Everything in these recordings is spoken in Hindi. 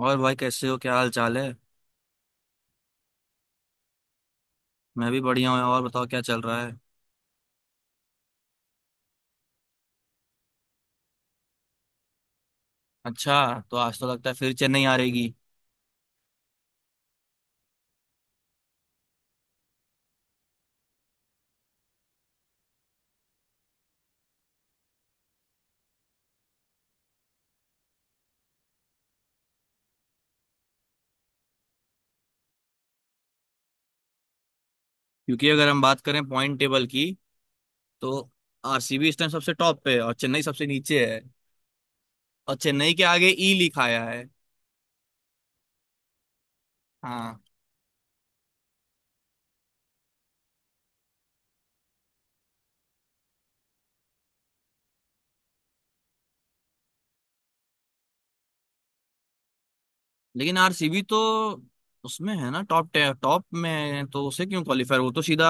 और भाई कैसे हो? क्या हाल चाल है? मैं भी बढ़िया हूँ। और बताओ क्या चल रहा है। अच्छा, तो आज तो लगता है फिर चेन्नई आ रहेगी। क्योंकि अगर हम बात करें पॉइंट टेबल की तो आरसीबी इस टाइम सबसे टॉप पे है और चेन्नई सबसे नीचे है। और चेन्नई के आगे ई लिखा आया है। हाँ। लेकिन आरसीबी तो उसमें है ना, टॉप टॉप में है, तो उसे क्यों क्वालिफाई, वो तो सीधा।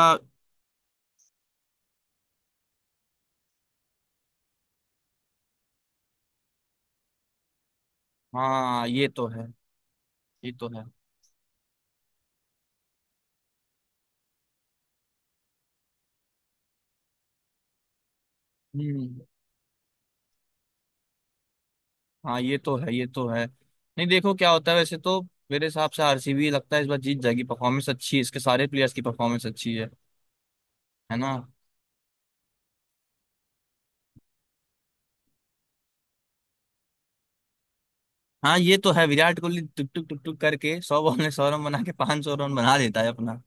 हाँ ये तो है। ये तो है। हम्म। हाँ ये तो है। ये तो है। नहीं, देखो क्या होता है वैसे तो। मेरे हिसाब से आरसीबी लगता है इस बार जीत जाएगी। परफॉर्मेंस अच्छी है, इसके सारे प्लेयर्स की परफॉर्मेंस अच्छी है। है ना? हाँ ये तो है। विराट कोहली टुक टुक टुक टुक करके 100 बॉल में सौ रन बना के 500 रन बना देता है अपना।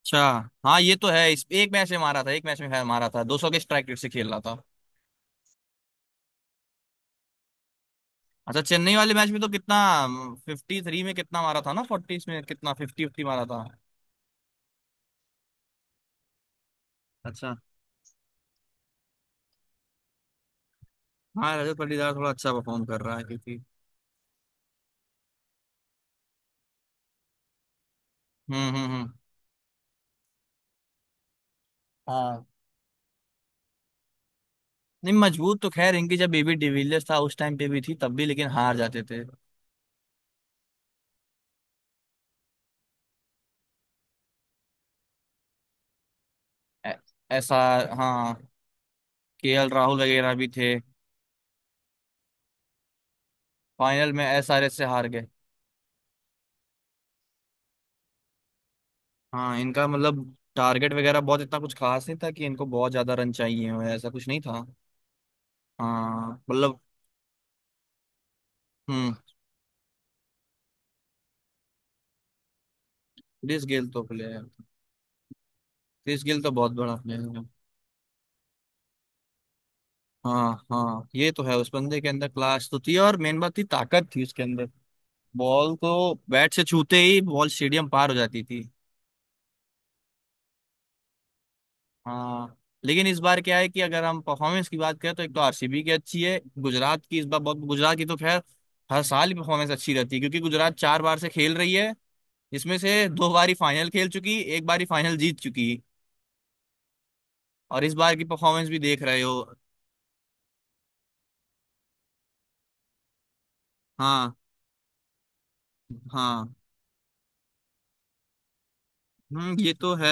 अच्छा। हाँ ये तो है। इस एक मैच में मारा था, एक मैच में खैर मारा था, 200 के स्ट्राइक रेट से खेल रहा था। अच्छा, चेन्नई वाले मैच में तो कितना 53 में कितना मारा था ना, 40 में कितना, फिफ्टी फिफ्टी मारा था। अच्छा। हाँ, रजत पाटीदार थोड़ा अच्छा परफॉर्म कर रहा है क्योंकि। हम्म। हम्म। नहीं, मजबूत तो खैर इनकी जब बेबी डिविलियर्स था उस टाइम पे भी थी, तब भी लेकिन हार जाते थे। ऐ- ऐसा। हाँ। केएल राहुल वगैरह भी थे। फाइनल में एसआरएच से हार गए। हाँ, इनका मतलब टारगेट वगैरह बहुत इतना कुछ खास नहीं था कि इनको बहुत ज्यादा रन चाहिए हो, ऐसा कुछ नहीं था। हाँ मतलब। हम्म। क्रिस गेल तो प्लेयर। क्रिस गेल तो बहुत बड़ा प्लेयर है। हाँ हाँ ये तो है। उस बंदे के अंदर क्लास तो थी, और मेन बात थी ताकत थी उसके अंदर। बॉल को बैट से छूते ही बॉल स्टेडियम पार हो जाती थी। हाँ। लेकिन इस बार क्या है कि अगर हम परफॉर्मेंस की बात करें, तो एक तो आरसीबी की अच्छी है, गुजरात की इस बार बहुत, गुजरात की तो खैर हर साल ही परफॉर्मेंस अच्छी रहती है, क्योंकि गुजरात 4 बार से खेल रही है, जिसमें से 2 बार ही फाइनल खेल चुकी, एक बार ही फाइनल जीत चुकी। और इस बार की परफॉर्मेंस भी देख रहे हो। हाँ हाँ। हम्म, ये तो है।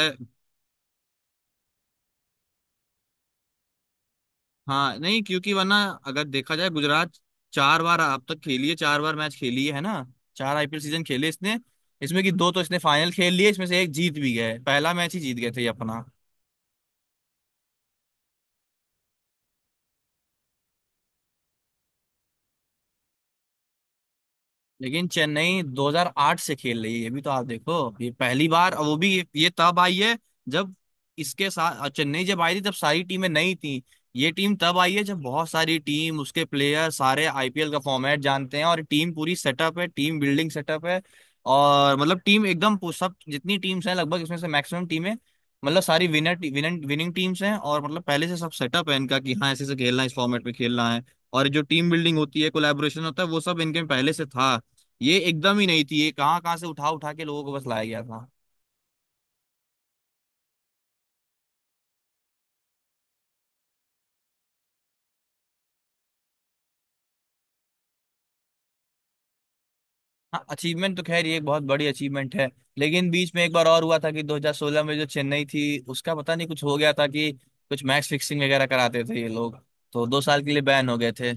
हाँ, नहीं क्योंकि वरना अगर देखा जाए गुजरात 4 बार अब तक खेली है, 4 बार मैच खेली है ना। 4 आईपीएल सीजन खेले इसने। इसमें कि दो तो इसने फाइनल खेल लिए, इसमें से एक जीत भी गए, पहला मैच ही जीत गए थे ये अपना। लेकिन चेन्नई 2008 से खेल रही है, ये भी तो आप देखो। ये पहली बार, और वो भी ये तब आई है जब, इसके साथ चेन्नई जब आई थी तब सारी टीमें नई थी। ये टीम तब आई है जब बहुत सारी टीम उसके प्लेयर सारे आईपीएल का फॉर्मेट जानते हैं, और टीम पूरी सेटअप है, टीम बिल्डिंग सेटअप है। और मतलब टीम एकदम सब जितनी टीम्स हैं लगभग इसमें से मैक्सिमम टीमें, मतलब सारी विनर विनिंग विनिंग टीम्स हैं, और मतलब पहले से सब सेटअप है इनका कि हाँ ऐसे से खेलना है, इस फॉर्मेट में खेलना है। और जो टीम बिल्डिंग होती है, कोलैबोरेशन होता है, वो सब इनके में पहले से था। ये एकदम ही नहीं थी, ये कहाँ कहाँ से उठा उठा के लोगों को बस लाया गया था। हाँ, अचीवमेंट तो खैर ये एक बहुत बड़ी अचीवमेंट है। लेकिन बीच में एक बार और हुआ था कि 2016 में जो चेन्नई थी उसका पता नहीं कुछ हो गया था, कि कुछ मैच फिक्सिंग वगैरह कराते थे ये लोग, तो 2 साल के लिए बैन हो गए थे।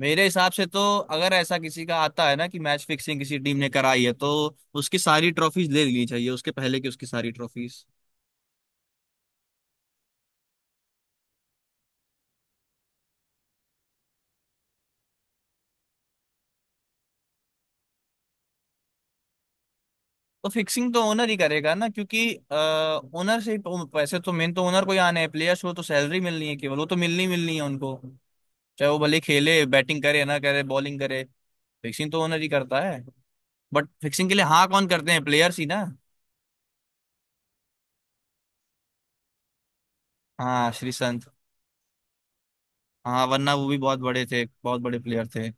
मेरे हिसाब से तो, अगर ऐसा किसी का आता है ना कि मैच फिक्सिंग किसी टीम ने कराई है, तो उसकी सारी ट्रॉफीज ले लेनी चाहिए, उसके पहले की उसकी सारी ट्रॉफीज। तो फिक्सिंग तो ओनर ही करेगा ना, क्योंकि ओनर से ही- तो, वैसे तो मेन तो ओनर को ही आना है, प्लेयर्स को तो सैलरी मिलनी है केवल, वो तो मिलनी ही मिलनी है उनको, चाहे वो भले खेले, बैटिंग करे ना करे, बॉलिंग करे। फिक्सिंग तो ओनर ही करता है। बट फिक्सिंग के लिए हाँ कौन करते हैं? प्लेयर्स ही ना। हाँ, श्रीसंत। हाँ, वरना वो भी बहुत बड़े थे, बहुत बड़े प्लेयर थे।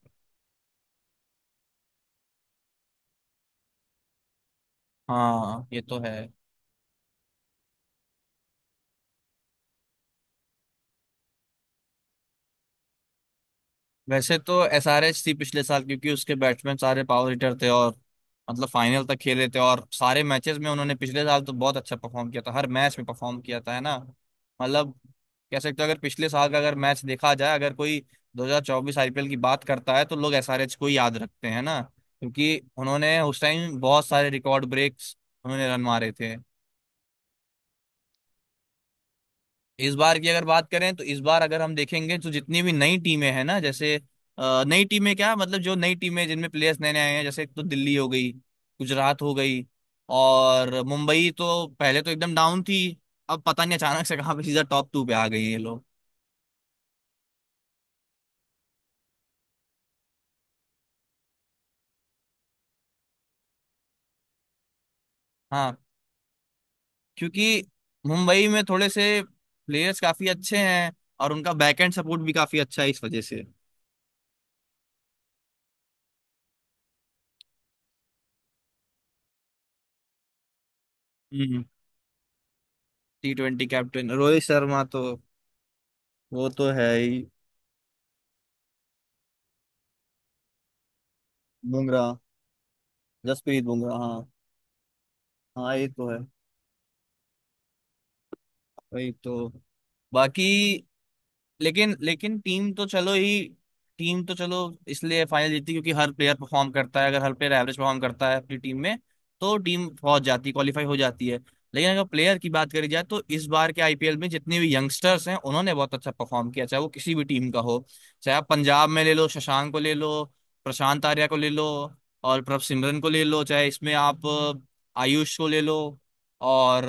हाँ ये तो है। वैसे तो एसआरएच थी पिछले साल, क्योंकि उसके बैट्समैन सारे पावर हिटर थे, और मतलब फाइनल तक खेले थे, और सारे मैचेस में उन्होंने पिछले साल तो बहुत अच्छा परफॉर्म किया था, हर मैच में परफॉर्म किया था, है ना। मतलब कह सकते हो, अगर पिछले साल का अगर मैच देखा जाए, अगर कोई 2024 आईपीएल की बात करता है तो लोग एसआरएच को ही याद रखते हैं ना, क्योंकि उन्होंने उस टाइम बहुत सारे रिकॉर्ड ब्रेक्स उन्होंने रन मारे थे। इस बार की अगर बात करें, तो इस बार अगर हम देखेंगे तो जितनी भी नई टीमें हैं ना, जैसे, नई टीमें क्या मतलब, जो नई टीमें जिनमें प्लेयर्स नए नए आए हैं, जैसे एक तो दिल्ली हो गई, गुजरात हो गई। और मुंबई तो पहले तो एकदम डाउन थी, अब पता नहीं अचानक से कहाँ पे सीधा टॉप टू पे आ गई ये लोग। हाँ, क्योंकि मुंबई में थोड़े से प्लेयर्स काफी अच्छे हैं, और उनका बैकएंड सपोर्ट भी काफी अच्छा है इस वजह से। हम्म। T twenty captain Rohit Sharma तो, वो तो है ही। बुमराह, जसप्रीत बुमराह। हाँ हाँ ये तो है, वही तो, बाकी। लेकिन लेकिन टीम तो चलो ही, टीम तो चलो इसलिए फाइनल जीतती क्योंकि हर प्लेयर परफॉर्म करता है, अगर हर प्लेयर एवरेज परफॉर्म करता है अपनी टीम में, तो टीम पहुंच जाती है, क्वालिफाई हो जाती है। लेकिन अगर प्लेयर की बात करी जाए, तो इस बार के आईपीएल में जितने भी यंगस्टर्स हैं उन्होंने बहुत अच्छा परफॉर्म किया, चाहे वो किसी भी टीम का हो। चाहे आप पंजाब में ले लो, शशांक को ले लो, प्रशांत आर्या को ले लो, और प्रभ सिमरन को ले लो, चाहे इसमें आप आयुष को ले लो। और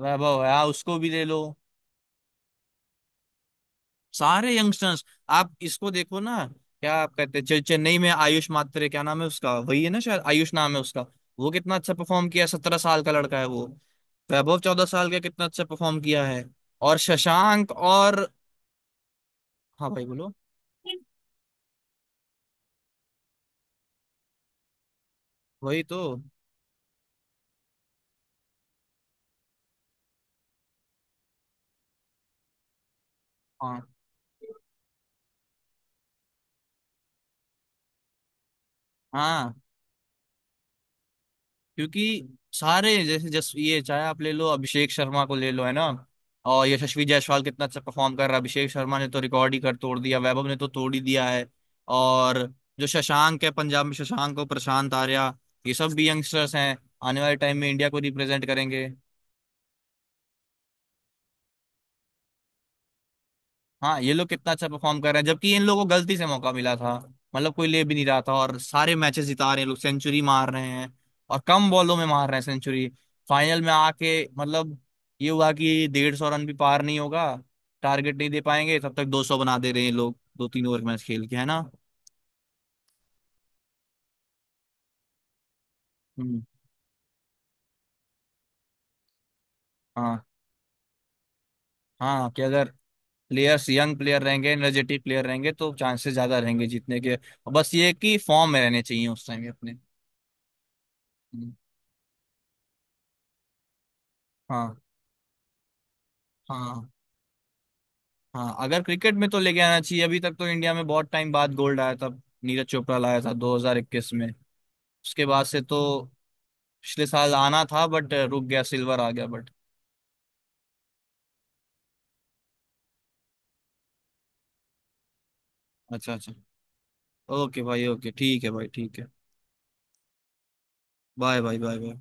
वैभव है हाँ, उसको भी ले लो। सारे यंगस्टर्स। आप इसको देखो ना, क्या कहते हैं चल, चेन्नई में आयुष मात्रे, क्या नाम है उसका, वही है ना, शायद आयुष नाम है उसका। वो कितना अच्छा परफॉर्म किया, 17 साल का लड़का है वो। वैभव 14 साल का कितना अच्छा परफॉर्म किया है। और शशांक और, हाँ भाई बोलो, वही तो, हाँ हाँ। क्योंकि सारे जैसे जस ये, चाहे आप ले लो अभिषेक शर्मा को ले लो, है ना, और यशस्वी जायसवाल कितना अच्छा परफॉर्म कर रहा है, अभिषेक शर्मा ने तो रिकॉर्ड ही कर तोड़ दिया, वैभव ने तो तोड़ ही दिया है। और जो शशांक है पंजाब में, शशांक और प्रशांत आर्या, ये सब भी यंगस्टर्स हैं, आने वाले टाइम में इंडिया को रिप्रेजेंट करेंगे। हाँ, ये लोग कितना अच्छा परफॉर्म कर रहे हैं, जबकि इन लोगों को गलती से मौका मिला था, मतलब कोई ले भी नहीं रहा था, और सारे मैचेस जिता रहे हैं, लोग सेंचुरी मार रहे हैं, और कम बॉलों में मार रहे हैं सेंचुरी। फाइनल में आके मतलब ये हुआ कि 150 रन भी पार नहीं होगा, टारगेट नहीं दे पाएंगे, तब तक 200 बना दे रहे हैं ये लोग 2-3 ओवर मैच खेल के, है ना। हम्म। हाँ हाँ, कि अगर प्लेयर्स यंग प्लेयर रहेंगे, एनर्जेटिक प्लेयर रहेंगे, तो चांसेस ज्यादा रहेंगे जीतने के। बस ये है कि फॉर्म में रहने चाहिए उस टाइम अपने। हम्म। हाँ हाँ। हाँ, अगर क्रिकेट में तो लेके आना चाहिए। अभी तक तो इंडिया में बहुत टाइम बाद गोल्ड आया था, नीरज चोपड़ा लाया था 2021 में। उसके बाद से तो पिछले साल आना था, बट रुक गया, सिल्वर आ गया, बट। अच्छा अच्छा, ओके भाई, ओके ठीक है भाई, ठीक है। Bye bye bye bye.